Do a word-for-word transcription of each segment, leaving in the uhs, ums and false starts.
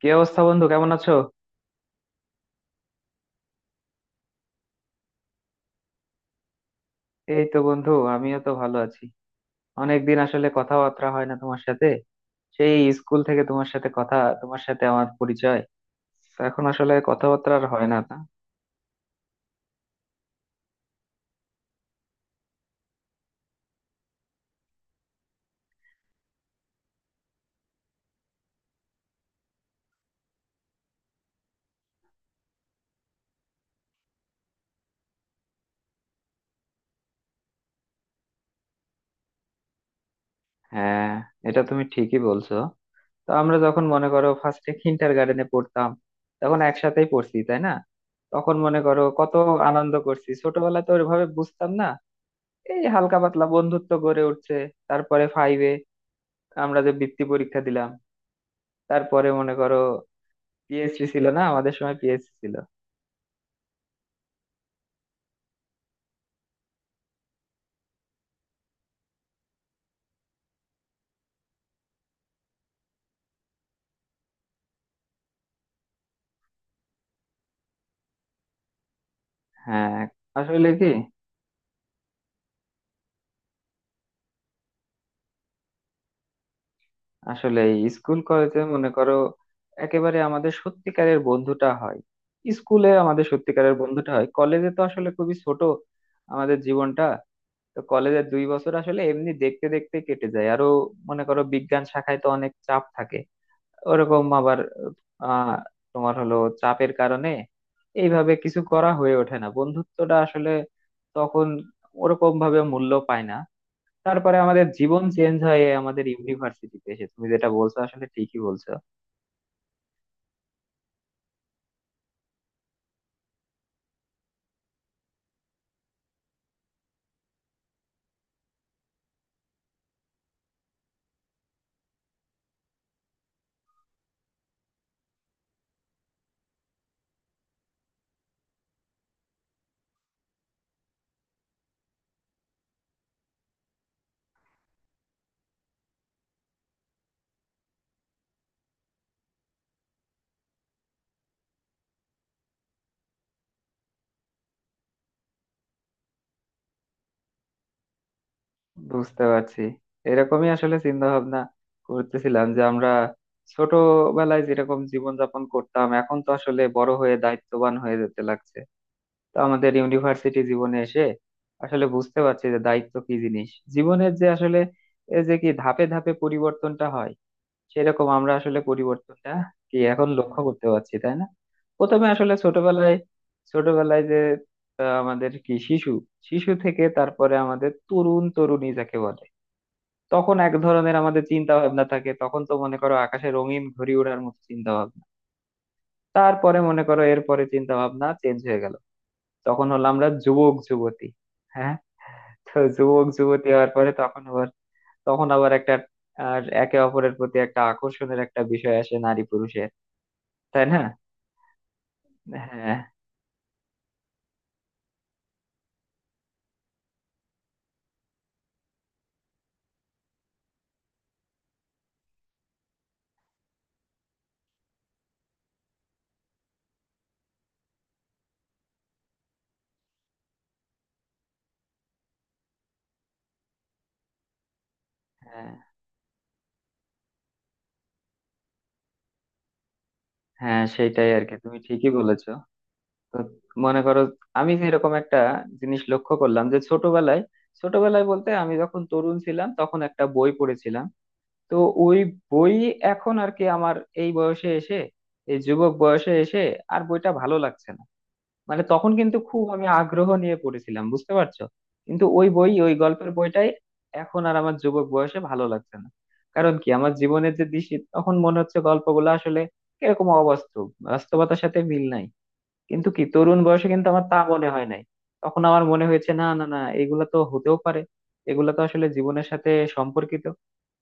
কি অবস্থা বন্ধু, কেমন আছো? এই তো বন্ধু, আমিও তো ভালো আছি। অনেকদিন আসলে কথাবার্তা হয় না তোমার সাথে। সেই স্কুল থেকে তোমার সাথে কথা, তোমার সাথে আমার পরিচয়। তো এখন আসলে কথাবার্তা আর হয় না তা। হ্যাঁ, এটা তুমি ঠিকই বলছো। তো আমরা যখন মনে করো ফার্স্টে কিন্ডার গার্ডেনে পড়তাম, তখন একসাথেই পড়ছি তাই না। তখন মনে করো কত আনন্দ করছি, ছোটবেলায় তো ওইভাবে বুঝতাম না, এই হালকা পাতলা বন্ধুত্ব গড়ে উঠছে। তারপরে ফাইভে আমরা যে বৃত্তি পরীক্ষা দিলাম, তারপরে মনে করো পিএসসি ছিল না, আমাদের সময় পিএসসি ছিল। হ্যাঁ, আসলে কি, আসলে স্কুল কলেজে মনে করো একেবারে আমাদের সত্যিকারের বন্ধুটা হয়। স্কুলে আমাদের সত্যিকারের বন্ধুটা হয়, কলেজে তো আসলে খুবই ছোট আমাদের জীবনটা। তো কলেজের দুই বছর আসলে এমনি দেখতে দেখতে কেটে যায়। আরো মনে করো বিজ্ঞান শাখায় তো অনেক চাপ থাকে, ওরকম আবার আহ তোমার হলো চাপের কারণে এইভাবে কিছু করা হয়ে ওঠে না, বন্ধুত্বটা আসলে তখন ওরকম ভাবে মূল্য পায় না। তারপরে আমাদের জীবন চেঞ্জ হয় এই আমাদের ইউনিভার্সিটিতে এসে, তুমি যেটা বলছো আসলে ঠিকই বলছো। বুঝতে পারছি, এরকমই আসলে চিন্তা ভাবনা করতেছিলাম যে আমরা ছোটবেলায় যেরকম জীবন যাপন করতাম, এখন তো আসলে বড় হয়ে দায়িত্ববান হয়ে যেতে লাগছে। তো আমাদের ইউনিভার্সিটি জীবনে এসে আসলে বুঝতে পারছি যে দায়িত্ব কি জিনিস, জীবনের যে আসলে এই যে কি ধাপে ধাপে পরিবর্তনটা হয়, সেরকম আমরা আসলে পরিবর্তনটা কি এখন লক্ষ্য করতে পারছি তাই না। প্রথমে আসলে ছোটবেলায় ছোটবেলায় যে আহ, আমাদের কি শিশু শিশু থেকে তারপরে আমাদের তরুণ তরুণী যাকে বলে, তখন এক ধরনের আমাদের চিন্তা ভাবনা থাকে। তখন তো মনে করো আকাশে রঙিন ঘুড়ি ওড়ার মতো চিন্তা ভাবনা। তারপরে মনে করো এরপরে চিন্তা ভাবনা চেঞ্জ হয়ে গেল, তখন হলো আমরা যুবক যুবতী। হ্যাঁ, তো যুবক যুবতী হওয়ার পরে তখন আবার, তখন আবার একটা আর একে অপরের প্রতি একটা আকর্ষণের একটা বিষয় আসে নারী পুরুষের, তাই না। হ্যাঁ, হ্যাঁ, হ্যাঁ সেটাই আর কি, তুমি ঠিকই বলেছো। তো মনে করো আমি এরকম একটা জিনিস লক্ষ্য করলাম যে ছোটবেলায়, ছোটবেলায় বলতে আমি যখন তরুণ ছিলাম তখন একটা বই পড়েছিলাম, তো ওই বই এখন আর কি আমার এই বয়সে এসে, এই যুবক বয়সে এসে আর বইটা ভালো লাগছে না। মানে তখন কিন্তু খুব আমি আগ্রহ নিয়ে পড়েছিলাম, বুঝতে পারছো। কিন্তু ওই বই, ওই গল্পের বইটাই এখন আর আমার যুবক বয়সে ভালো লাগছে না। কারণ কি আমার জীবনের যে দৃষ্টি, তখন মনে হচ্ছে গল্পগুলো আসলে কিরকম অবাস্তব, বাস্তবতার সাথে মিল নাই। কিন্তু কি তরুণ বয়সে কিন্তু আমার তা মনে হয় নাই। তখন আমার মনে হয়েছে না না না, এগুলা তো হতেও পারে, এগুলা তো আসলে জীবনের সাথে সম্পর্কিত।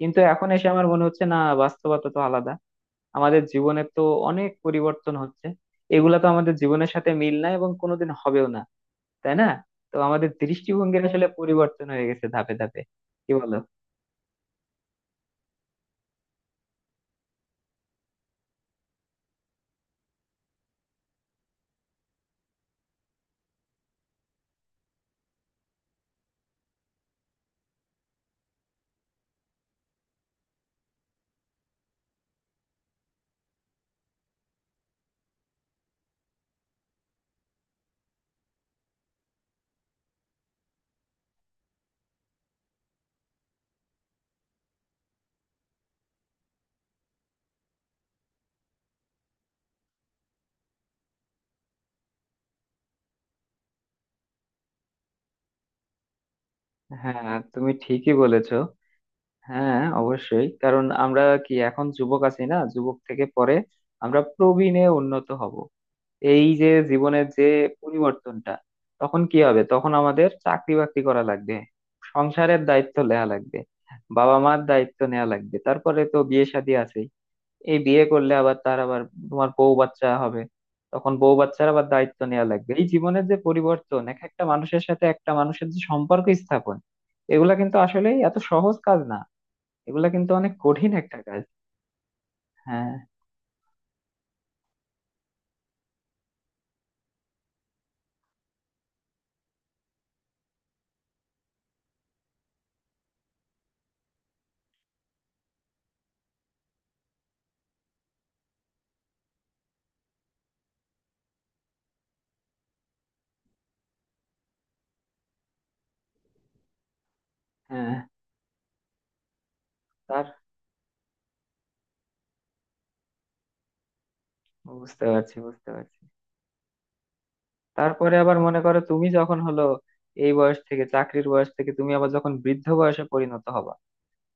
কিন্তু এখন এসে আমার মনে হচ্ছে না, বাস্তবতা তো আলাদা, আমাদের জীবনে তো অনেক পরিবর্তন হচ্ছে, এগুলা তো আমাদের জীবনের সাথে মিল নাই এবং কোনোদিন হবেও না, তাই না। তো আমাদের দৃষ্টিভঙ্গির আসলে পরিবর্তন হয়ে গেছে ধাপে ধাপে, কি বলো। হ্যাঁ তুমি ঠিকই বলেছো। হ্যাঁ অবশ্যই, কারণ আমরা কি এখন যুবক আছি, না যুবক থেকে পরে আমরা প্রবীণে উন্নত হব। এই যে জীবনের যে পরিবর্তনটা, তখন কি হবে? তখন আমাদের চাকরি বাকরি করা লাগবে, সংসারের দায়িত্ব নেওয়া লাগবে, বাবা মার দায়িত্ব নেওয়া লাগবে, তারপরে তো বিয়ে শাদী আছে। এই বিয়ে করলে আবার তার আবার তোমার বউ বাচ্চা হবে, তখন বউ বাচ্চার আবার দায়িত্ব নেওয়া লাগবে। এই জীবনের যে পরিবর্তন, এক একটা মানুষের সাথে একটা মানুষের যে সম্পর্ক স্থাপন, এগুলা কিন্তু আসলে এত সহজ কাজ না, এগুলা কিন্তু অনেক কঠিন একটা কাজ। হ্যাঁ, হ্যাঁ তার বুঝতে পারছি, বুঝতে পারছি। তারপরে আবার মনে করো তুমি যখন হলো এই বয়স থেকে, চাকরির বয়স থেকে তুমি আবার যখন বৃদ্ধ বয়সে পরিণত হবা,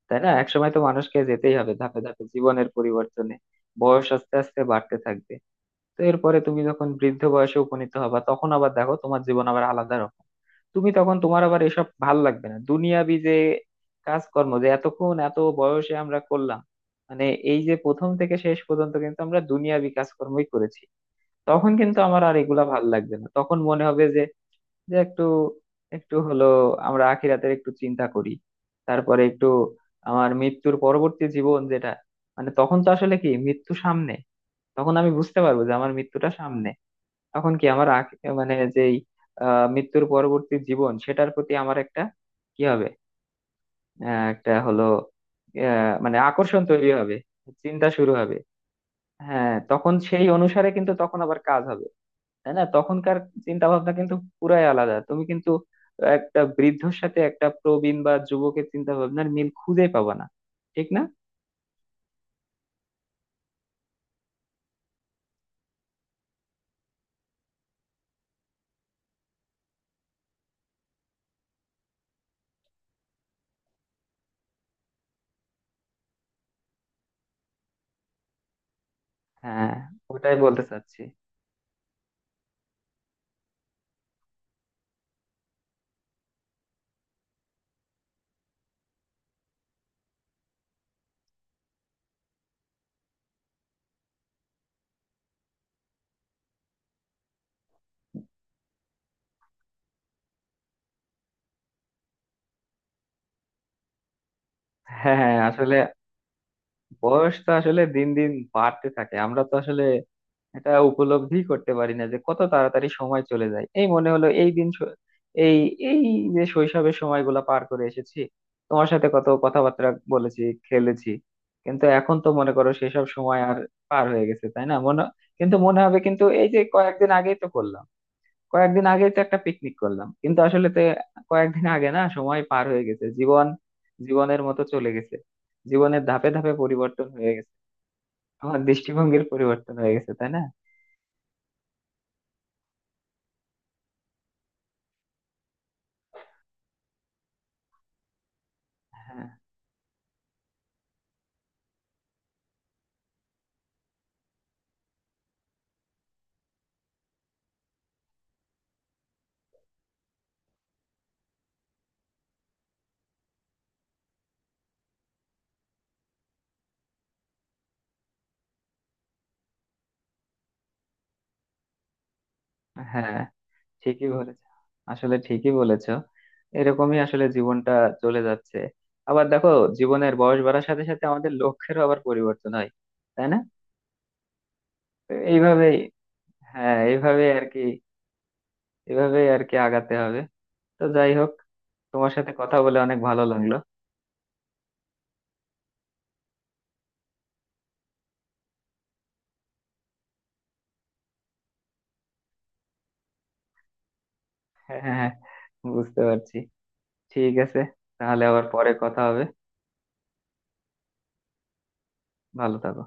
তাই না। একসময় তো মানুষকে যেতেই হবে ধাপে ধাপে জীবনের পরিবর্তনে, বয়স আস্তে আস্তে বাড়তে থাকবে। তো এরপরে তুমি যখন বৃদ্ধ বয়সে উপনীত হবা, তখন আবার দেখো তোমার জীবন আবার আলাদা রকম। তুমি তখন, তোমার আবার এসব ভাল লাগবে না দুনিয়াবি যে কাজকর্ম যে এতক্ষণ এত বয়সে আমরা করলাম, মানে এই যে প্রথম থেকে শেষ পর্যন্ত কিন্তু আমরা দুনিয়াবি কাজকর্মই করেছি। তখন কিন্তু আমার আর এগুলা ভাল লাগবে না, তখন মনে হবে যে যে একটু একটু হলো আমরা আখিরাতের একটু চিন্তা করি। তারপরে একটু আমার মৃত্যুর পরবর্তী জীবন যেটা, মানে তখন তো আসলে কি মৃত্যু সামনে, তখন আমি বুঝতে পারবো যে আমার মৃত্যুটা সামনে। তখন কি আমার আখ- মানে যেই আহ, মৃত্যুর পরবর্তী জীবন, সেটার প্রতি আমার একটা কি হবে, আহ, একটা হলো আহ, মানে আকর্ষণ তৈরি হবে, চিন্তা শুরু হবে। হ্যাঁ তখন সেই অনুসারে কিন্তু তখন আবার কাজ হবে, তাই না। তখনকার চিন্তা ভাবনা কিন্তু পুরাই আলাদা। তুমি কিন্তু একটা বৃদ্ধর সাথে একটা প্রবীণ বা যুবকের চিন্তা ভাবনার মিল খুঁজে পাবা না, ঠিক না। হ্যাঁ, ওটাই বলতে চাচ্ছি। হ্যাঁ আসলে বয়স তো আসলে দিন দিন বাড়তে থাকে, আমরা তো আসলে এটা উপলব্ধি করতে পারি না যে কত তাড়াতাড়ি সময় চলে যায়। এই মনে হলো এই দিন শ- এই, এই যে শৈশবের সময়গুলো পার করে এসেছি, তোমার সাথে কত কথাবার্তা বলেছি, খেলেছি, কিন্তু এখন তো মনে করো সেসব সময় আর পার হয়ে গেছে, তাই না। মনে কিন্তু মনে হবে কিন্তু এই যে কয়েকদিন আগেই তো করলাম, কয়েকদিন আগেই তো একটা পিকনিক করলাম, কিন্তু আসলে তো কয়েকদিন আগে না, সময় পার হয়ে গেছে, জীবন জীবনের মতো চলে গেছে। জীবনের ধাপে ধাপে পরিবর্তন হয়ে গেছে, আমার দৃষ্টিভঙ্গির পরিবর্তন হয়ে গেছে, তাই না। হ্যাঁ, হ্যাঁ ঠিকই বলেছ, আসলে ঠিকই বলেছ। এরকমই আসলে জীবনটা চলে যাচ্ছে। আবার দেখো জীবনের বয়স বাড়ার সাথে সাথে আমাদের লক্ষ্যেরও আবার পরিবর্তন হয়, তাই না। তো এইভাবেই, হ্যাঁ এইভাবে আর কি, এইভাবেই আর কি আগাতে হবে। তো যাই হোক, তোমার সাথে কথা বলে অনেক ভালো লাগলো। হ্যাঁ, হ্যাঁ, বুঝতে পারছি, ঠিক আছে, তাহলে আবার পরে কথা হবে। ভালো থাকো।